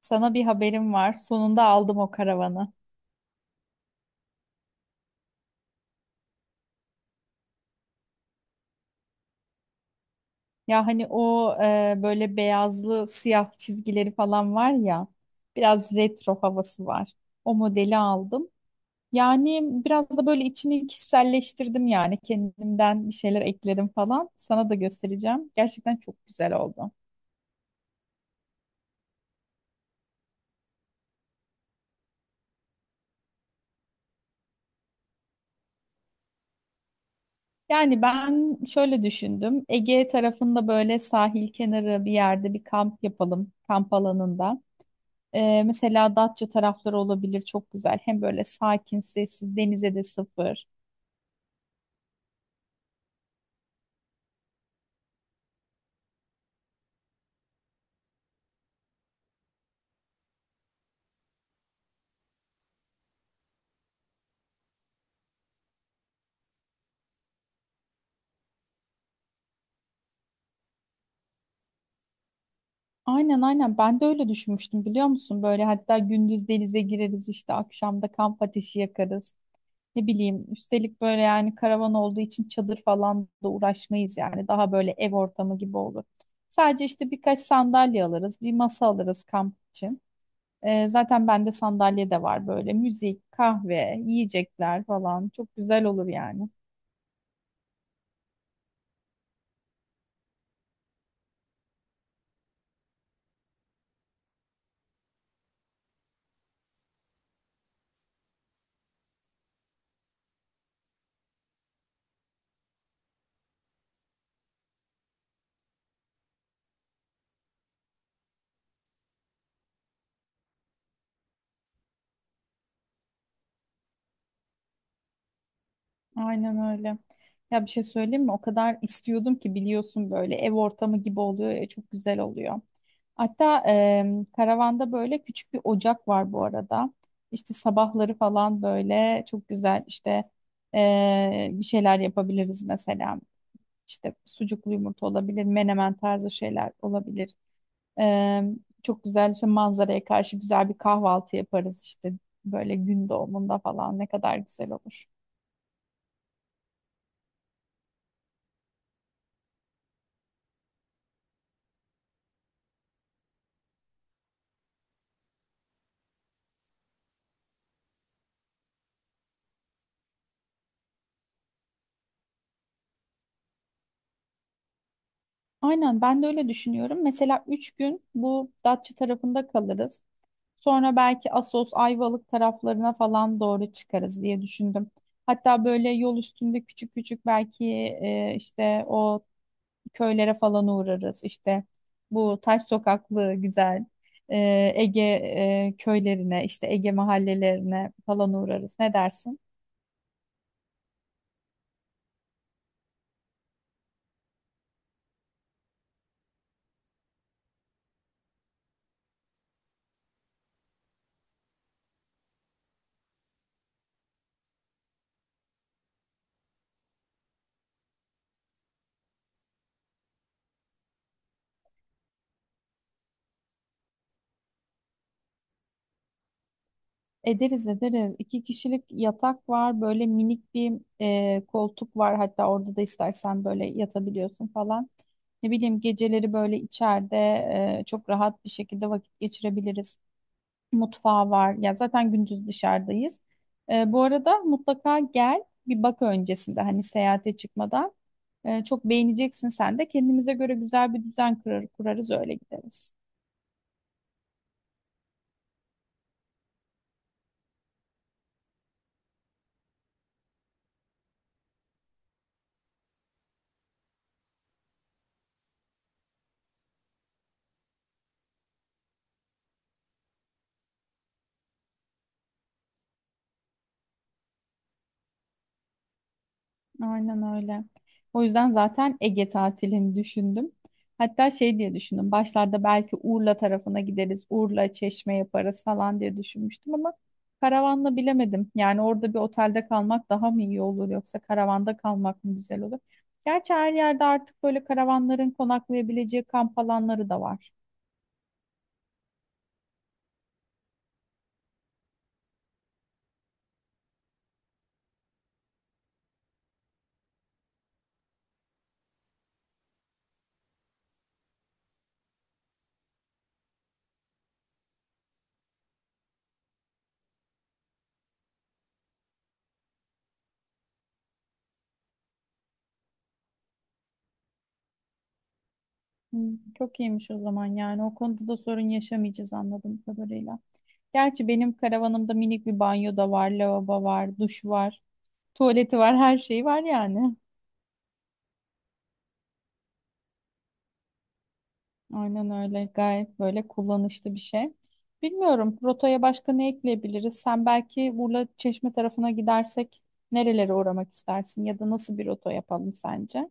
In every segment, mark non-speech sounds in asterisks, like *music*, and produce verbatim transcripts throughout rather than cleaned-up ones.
Sana bir haberim var. Sonunda aldım o karavanı. Ya hani o e, böyle beyazlı siyah çizgileri falan var ya. Biraz retro havası var. O modeli aldım. Yani biraz da böyle içini kişiselleştirdim yani. Kendimden bir şeyler ekledim falan. Sana da göstereceğim. Gerçekten çok güzel oldu. Yani ben şöyle düşündüm. Ege tarafında böyle sahil kenarı bir yerde bir kamp yapalım. Kamp alanında. Ee, mesela Datça tarafları olabilir çok güzel. Hem böyle sakin, sessiz, denize de sıfır. Aynen aynen ben de öyle düşünmüştüm biliyor musun? Böyle hatta gündüz denize gireriz işte akşam da kamp ateşi yakarız. Ne bileyim üstelik böyle yani karavan olduğu için çadır falan da uğraşmayız yani. Daha böyle ev ortamı gibi olur. Sadece işte birkaç sandalye alırız, bir masa alırız kamp için. Ee, zaten bende sandalye de var böyle. Müzik, kahve, yiyecekler falan. Çok güzel olur yani. Aynen öyle. Ya bir şey söyleyeyim mi? O kadar istiyordum ki biliyorsun böyle ev ortamı gibi oluyor ya çok güzel oluyor. Hatta e, karavanda böyle küçük bir ocak var bu arada. İşte sabahları falan böyle çok güzel işte e, bir şeyler yapabiliriz mesela. İşte sucuklu yumurta olabilir, menemen tarzı şeyler olabilir. E, Çok güzel işte manzaraya karşı güzel bir kahvaltı yaparız işte böyle gün doğumunda falan ne kadar güzel olur. Aynen ben de öyle düşünüyorum. Mesela üç gün bu Datça tarafında kalırız. Sonra belki Assos, Ayvalık taraflarına falan doğru çıkarız diye düşündüm. Hatta böyle yol üstünde küçük küçük belki e, işte o köylere falan uğrarız. İşte bu taş sokaklı güzel e, Ege e, köylerine, işte Ege mahallelerine falan uğrarız. Ne dersin? Ederiz ederiz. İki kişilik yatak var. Böyle minik bir e, koltuk var. Hatta orada da istersen böyle yatabiliyorsun falan. Ne bileyim geceleri böyle içeride e, çok rahat bir şekilde vakit geçirebiliriz. Mutfağı var. Ya zaten gündüz dışarıdayız. E, bu arada mutlaka gel bir bak öncesinde hani seyahate çıkmadan. E, çok beğeneceksin sen de. Kendimize göre güzel bir düzen kurar, kurarız öyle gideriz. Aynen öyle. O yüzden zaten Ege tatilini düşündüm. Hatta şey diye düşündüm. Başlarda belki Urla tarafına gideriz. Urla, Çeşme yaparız falan diye düşünmüştüm ama karavanla bilemedim. Yani orada bir otelde kalmak daha mı iyi olur yoksa karavanda kalmak mı güzel olur? Gerçi her yerde artık böyle karavanların konaklayabileceği kamp alanları da var. Hmm, çok iyiymiş o zaman yani o konuda da sorun yaşamayacağız anladığım kadarıyla. Gerçi benim karavanımda minik bir banyo da var, lavabo var, duş var, tuvaleti var, her şeyi var yani. Aynen öyle. Gayet böyle kullanışlı bir şey. Bilmiyorum rotaya başka ne ekleyebiliriz? Sen belki Urla Çeşme tarafına gidersek nerelere uğramak istersin ya da nasıl bir rota yapalım sence?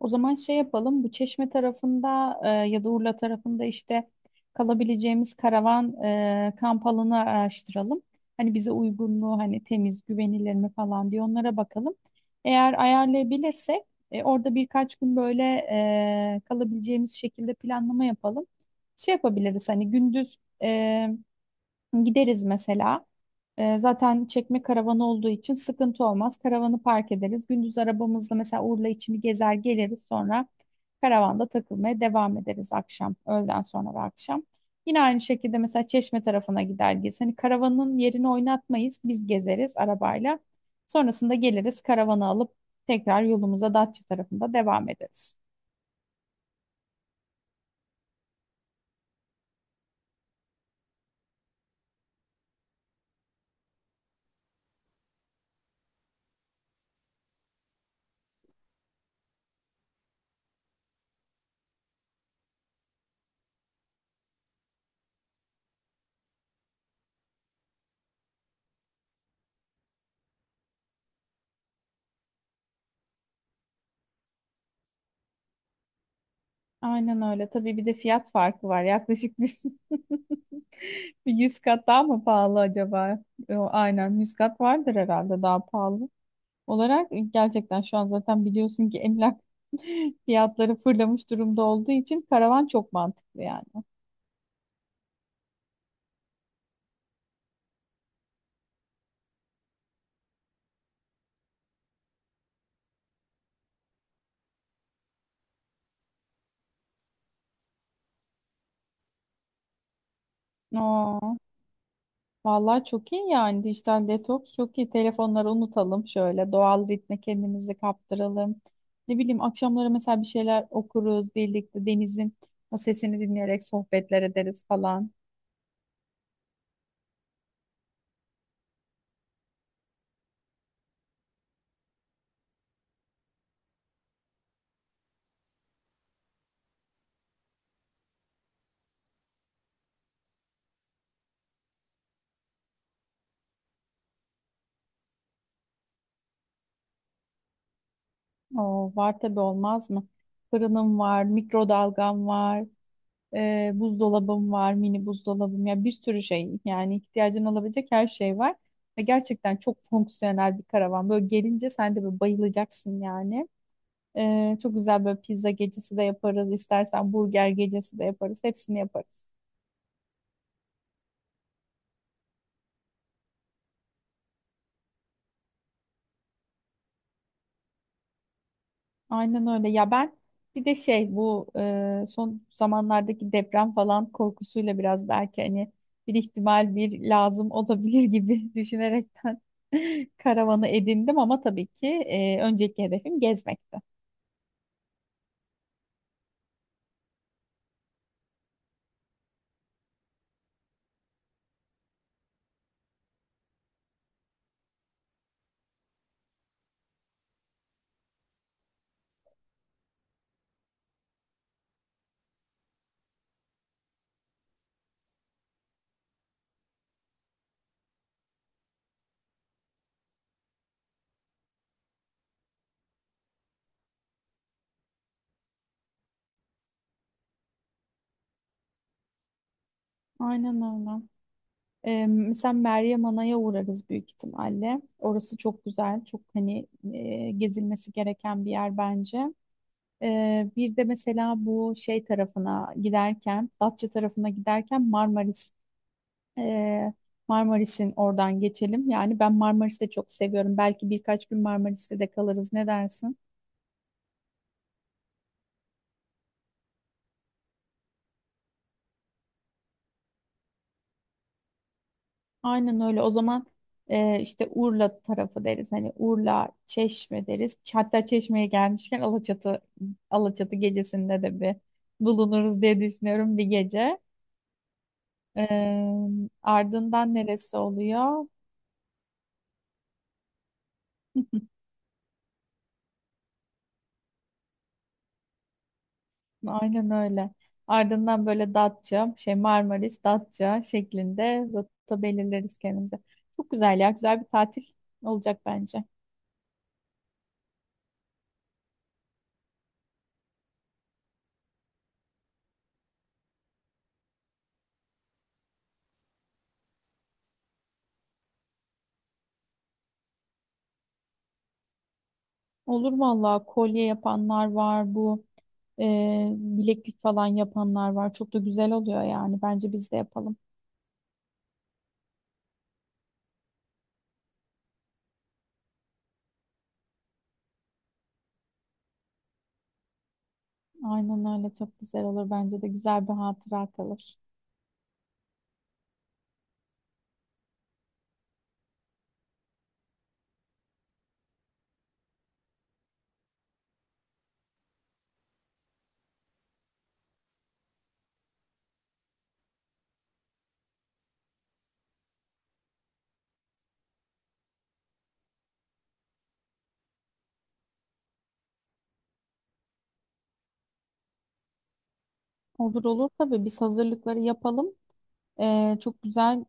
O zaman şey yapalım. Bu Çeşme tarafında e, ya da Urla tarafında işte kalabileceğimiz karavan e, kamp alanı araştıralım. Hani bize uygunluğu hani temiz, güvenilir mi falan diye onlara bakalım. Eğer ayarlayabilirsek e, orada birkaç gün böyle e, kalabileceğimiz şekilde planlama yapalım. Şey yapabiliriz hani gündüz e, gideriz mesela. Ee, zaten çekme karavanı olduğu için sıkıntı olmaz. Karavanı park ederiz. Gündüz arabamızla mesela Urla içini gezer geliriz. Sonra karavanda takılmaya devam ederiz akşam, öğleden sonra ve akşam. Yine aynı şekilde mesela Çeşme tarafına gider gez. Hani karavanın yerini oynatmayız. Biz gezeriz arabayla. Sonrasında geliriz karavanı alıp tekrar yolumuza Datça tarafında devam ederiz. Aynen öyle. Tabii bir de fiyat farkı var. Yaklaşık bir, *laughs* bir yüz kat daha mı pahalı acaba? Yo, aynen yüz kat vardır herhalde daha pahalı. Olarak E, gerçekten şu an zaten biliyorsun ki emlak *laughs* fiyatları fırlamış durumda olduğu için karavan çok mantıklı yani. Aa. Vallahi çok iyi yani dijital detoks çok iyi. Telefonları unutalım şöyle doğal ritme kendimizi kaptıralım. Ne bileyim akşamları mesela bir şeyler okuruz birlikte denizin o sesini dinleyerek sohbetler ederiz falan. Oo, var tabii olmaz mı? Fırınım var, mikrodalgam var, e, buzdolabım var, mini buzdolabım ya bir sürü şey yani ihtiyacın olabilecek her şey var. Ve gerçekten çok fonksiyonel bir karavan. Böyle gelince sen de böyle bayılacaksın yani. Ee, çok güzel böyle pizza gecesi de yaparız. İstersen burger gecesi de yaparız. Hepsini yaparız. Aynen öyle. Ya ben bir de şey bu e, son zamanlardaki deprem falan korkusuyla biraz belki hani bir ihtimal bir lazım olabilir gibi *laughs* düşünerekten *laughs* karavanı edindim ama tabii ki e, önceki hedefim gezmekti. Aynen öyle. Ee, mesela Meryem Ana'ya uğrarız büyük ihtimalle. Orası çok güzel, çok hani e, gezilmesi gereken bir yer bence. Ee, bir de mesela bu şey tarafına giderken, Datça tarafına giderken Marmaris, e, Marmaris'in oradan geçelim. Yani ben Marmaris'i de çok seviyorum. Belki birkaç gün Marmaris'te de kalırız. Ne dersin? Aynen öyle. O zaman e, işte Urla tarafı deriz. Hani Urla, Çeşme deriz. Hatta Çeşme'ye gelmişken Alaçatı Alaçatı gecesinde de bir bulunuruz diye düşünüyorum bir gece. E, Ardından neresi oluyor? *laughs* Aynen öyle. Ardından böyle Datça, şey Marmaris, Datça şeklinde rota belirleriz kendimize. Çok güzel ya. Güzel bir tatil olacak bence. Olur vallahi kolye yapanlar var bu e, bileklik falan yapanlar var. Çok da güzel oluyor yani. Bence biz de yapalım. Aynen öyle çok güzel olur. Bence de güzel bir hatıra kalır. Olur olur tabii biz hazırlıkları yapalım. Ee, çok güzel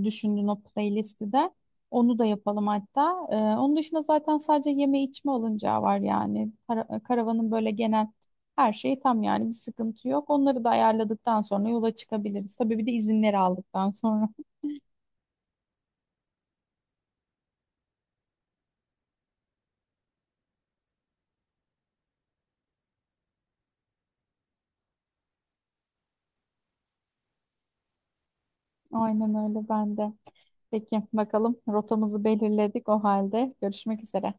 e, düşündün o playlisti de. Onu da yapalım hatta. Ee, onun dışında zaten sadece yeme içme alınacağı var yani. Kara- karavanın böyle genel her şeyi tam yani bir sıkıntı yok. Onları da ayarladıktan sonra yola çıkabiliriz. Tabii bir de izinleri aldıktan sonra. *laughs* Aynen öyle ben de. Peki bakalım rotamızı belirledik o halde. Görüşmek üzere.